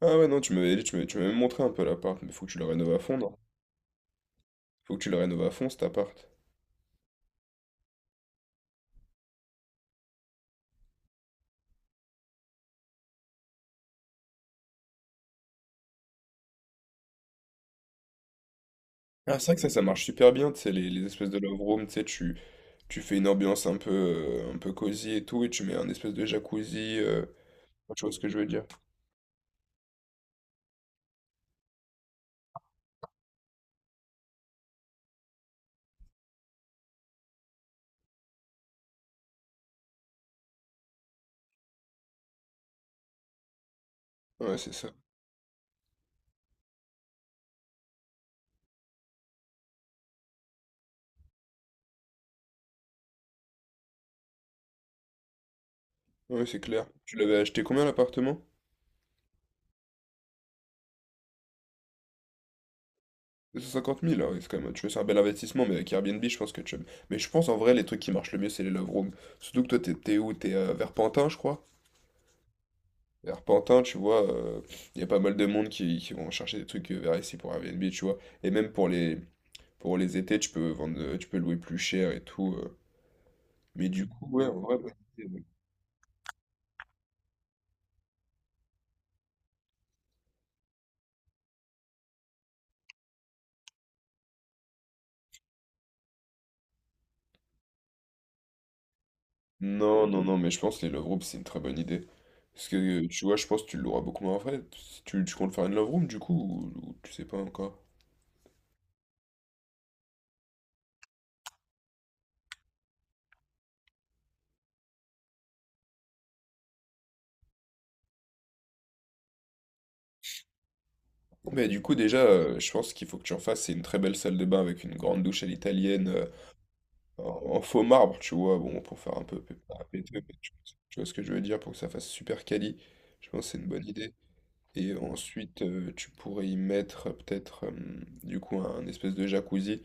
Ah ouais, non, tu m'avais dit, tu m'avais même montré un peu l'appart, mais faut que tu le rénoves à fond, non? Faut que tu le rénoves à fond cet appart. Ah, c'est vrai que ça marche super bien, tu sais, les espèces de love room, tu sais, tu fais une ambiance un peu cosy et tout, et tu mets un espèce de jacuzzi, tu vois ce que je veux dire. Ouais, c'est ça. Ouais, c'est clair. Tu l'avais acheté combien l'appartement? 250 000, ouais, c'est quand même, tu vois, c'est un bel investissement, mais avec Airbnb, je pense que tu... Mais je pense, en vrai, les trucs qui marchent le mieux, c'est les love rooms. Surtout que toi, t'es où? T'es à Verpentin, je crois? Arpentin, tu vois, il y a pas mal de monde qui vont chercher des trucs vers ici pour Airbnb, tu vois. Et même pour les étés, tu peux vendre, tu peux louer plus cher et tout. Mais du coup, ouais, en vrai, bonne idée, ouais. Non, non, non, mais je pense que les love rooms, c'est une très bonne idée. Parce que, tu vois, je pense que tu l'auras beaucoup moins frais. Si tu comptes faire une love room, du coup, ou tu sais pas encore. Mais du coup, déjà, je pense qu'il faut que tu en fasses, c'est une très belle salle de bain avec une grande douche à l'italienne, en faux marbre, tu vois, bon, pour faire un peu tu, tu vois ce que je veux dire, pour que ça fasse super quali, je pense que c'est une bonne idée. Et ensuite, tu pourrais y mettre peut-être, du coup, un espèce de jacuzzi,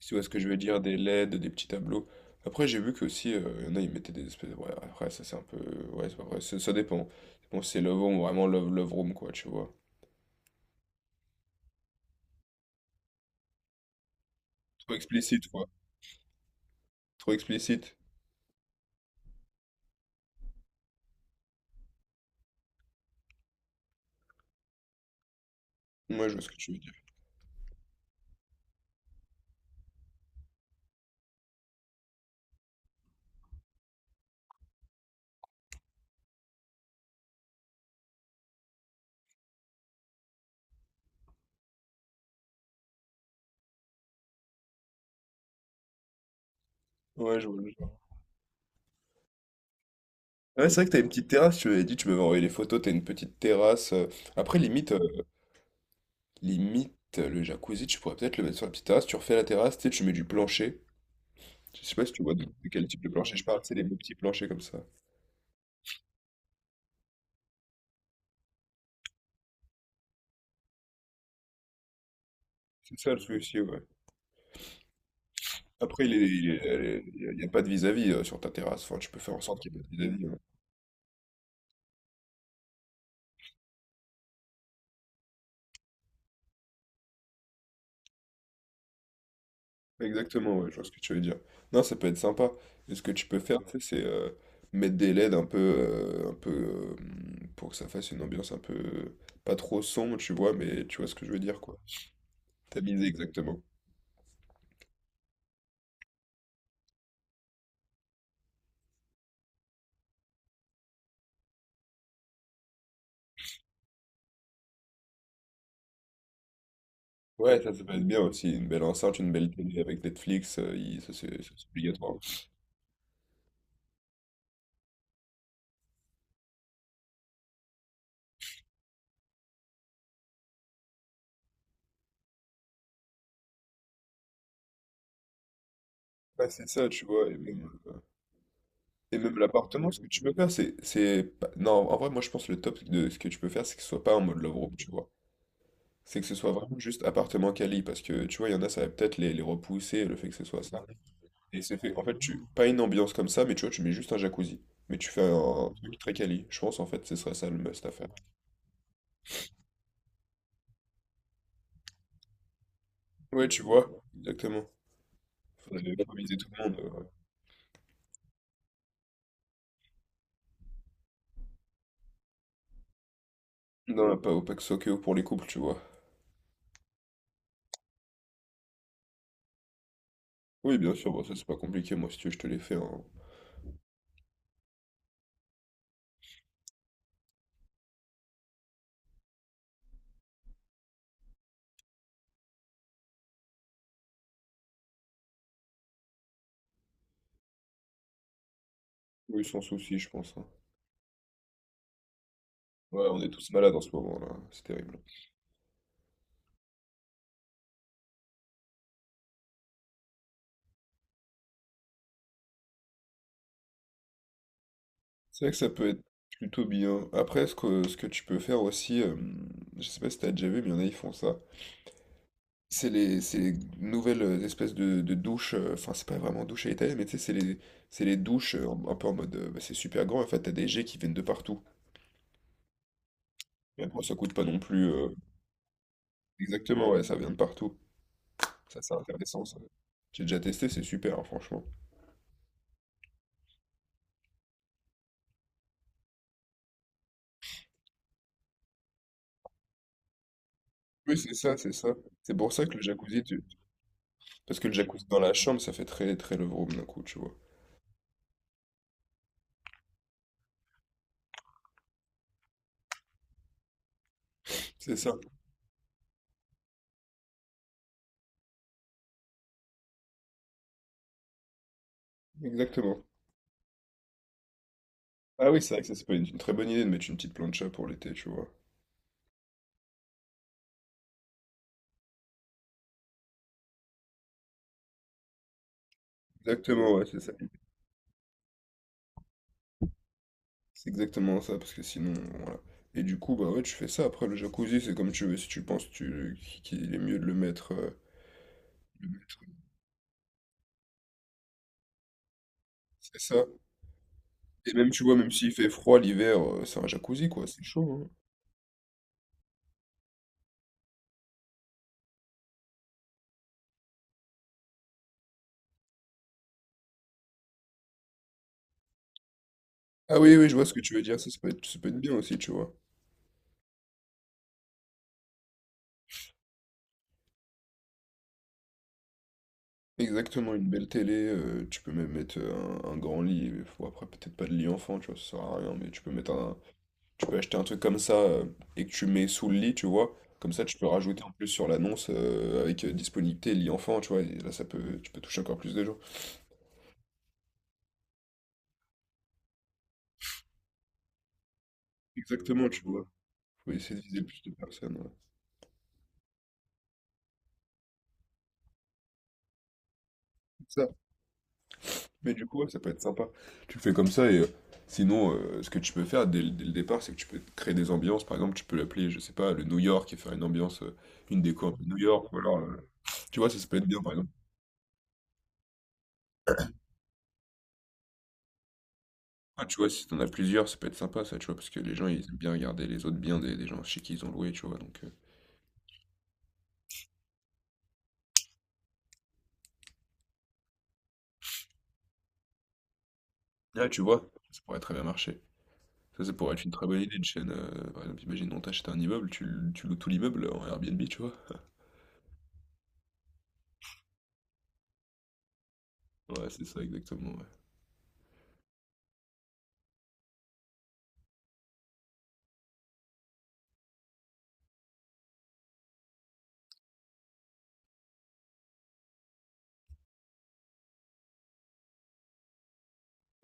si tu vois ce que je veux dire, des LED, des petits tableaux. Après, j'ai vu que aussi, il y en a, ils mettaient des espèces. Ouais, après, ça c'est un peu. Ouais, c'est pas vrai, ça ça dépend. Bon, c'est love home, vraiment love room, quoi, tu vois. Trop explicite, quoi. Trop explicite. Moi, je vois ce que tu veux dire. Ouais, je vois. Ouais, c'est vrai que t'as une petite terrasse, tu m'avais dit, tu m'avais envoyé les photos, t'as une petite terrasse. Après, limite, le jacuzzi, tu pourrais peut-être le mettre sur la petite terrasse, tu refais la terrasse, tu sais, tu mets du plancher. Je sais pas si tu vois de quel type de plancher je parle, c'est des beaux petits planchers comme ça. C'est ça le souci, ouais. Après, il y a pas de vis-à-vis sur ta terrasse, enfin, tu peux faire en sorte qu'il n'y ait pas de vis-à-vis, hein. Exactement, ouais, je vois ce que tu veux dire. Non, ça peut être sympa. Et ce que tu peux faire, tu sais, c'est mettre des LED un peu pour que ça fasse une ambiance un peu pas trop sombre, tu vois, mais tu vois ce que je veux dire, quoi. Tamiser exactement. Ouais, ça peut être bien aussi. Une belle enceinte, une belle télé avec Netflix, ça, c'est obligatoire. Ouais, c'est ça, tu vois. Euh, et même l'appartement, ce que tu peux faire. C'est. C'est pas- Non, en vrai, moi, je pense que le top de ce que tu peux faire, c'est que ce soit pas en mode love room, tu vois. C'est que ce soit vraiment juste appartement quali, parce que tu vois, il y en a, ça va peut-être les repousser, le fait que ce soit ça. Et c'est fait, en fait, pas une ambiance comme ça, mais tu vois, tu mets juste un jacuzzi. Mais tu fais un truc très quali. Je pense, en fait, ce serait ça le must à faire. Ouais, tu vois, exactement. Faudrait pas viser tout le monde, ouais. Non, pas au Paxokeo pour les couples, tu vois. Oui, bien sûr, bon, ça c'est pas compliqué, moi, si tu veux, je te les fais, hein. Oui, sans souci, je pense, hein. Ouais, on est tous malades en ce moment, là. C'est terrible. C'est vrai que ça peut être plutôt bien. Après, ce que tu peux faire aussi, je sais pas si t'as déjà vu, mais il y en a, ils font ça. C'est les nouvelles espèces de douches, enfin, c'est pas vraiment douche à l'italienne, mais tu sais, c'est les douches un peu en mode, bah, c'est super grand, en fait, t'as des jets qui viennent de partout. Et après, ça coûte pas non plus. Exactement, ouais, ça vient de partout. Ça, c'est intéressant, ça. J'ai déjà testé, c'est super, hein, franchement. Oui, c'est ça, c'est ça. C'est pour ça que le jacuzzi, parce que le jacuzzi dans la chambre, ça fait très, très love room d'un coup, tu vois. C'est ça, exactement. Ah oui, c'est vrai que ça, c'est pas une très bonne idée de mettre une petite plancha pour l'été, tu vois. Exactement, ouais, c'est ça. C'est exactement ça, parce que sinon, voilà. Et du coup, bah ouais, tu fais ça. Après, le jacuzzi, c'est comme tu veux. Si tu penses qu'il est mieux de le mettre, c'est ça. Et même, tu vois, même s'il fait froid l'hiver, c'est un jacuzzi, quoi. C'est chaud, hein. Ah oui, oui, je vois ce que tu veux dire. Ça, ça peut être bien aussi, tu vois. Exactement, une belle télé. Tu peux même mettre un grand lit. Après, peut-être pas de lit enfant, tu vois, ça sert à rien. Mais tu peux mettre un, tu peux acheter un truc comme ça et que tu mets sous le lit, tu vois. Comme ça, tu peux rajouter en plus sur l'annonce avec disponibilité lit enfant, tu vois. Et là, ça peut, tu peux toucher encore plus de gens. Exactement, tu vois. Faut essayer de viser le plus de personnes, ouais. C'est ça. Mais du coup, ouais, ça peut être sympa. Tu le fais comme ça et sinon, ce que tu peux faire dès le départ, c'est que tu peux créer des ambiances. Par exemple, tu peux l'appeler, je sais pas, le New York et faire une ambiance, une déco un peu New York. Ou alors, tu vois, ça peut être bien, par exemple. Ah, tu vois, si t'en as plusieurs, ça peut être sympa, ça, tu vois, parce que les gens, ils aiment bien regarder les autres biens des gens chez qui ils ont loué, tu vois, donc. Ouais, tu vois, ça pourrait très bien marcher. Ça pourrait être une très bonne idée de chaîne. Par exemple, imagine, on t'achète un immeuble, tu loues tout l'immeuble en Airbnb, tu vois. Ouais, c'est ça, exactement. Ouais,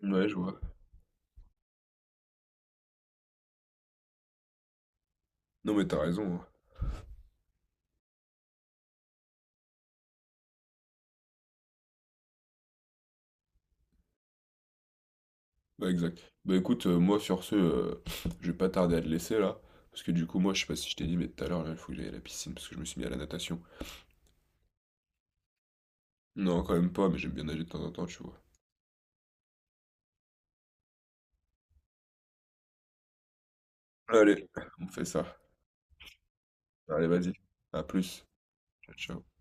ouais, je vois. Non, mais t'as raison, hein. Ouais, exact. Bah écoute, moi, sur ce, je vais pas tarder à te laisser là. Parce que du coup, moi, je sais pas si je t'ai dit, mais tout à l'heure, là, il faut que j'aille à la piscine parce que je me suis mis à la natation. Non, quand même pas, mais j'aime bien nager de temps en temps, tu vois. Allez, on fait ça. Allez, vas-y. À plus. Ciao, ciao.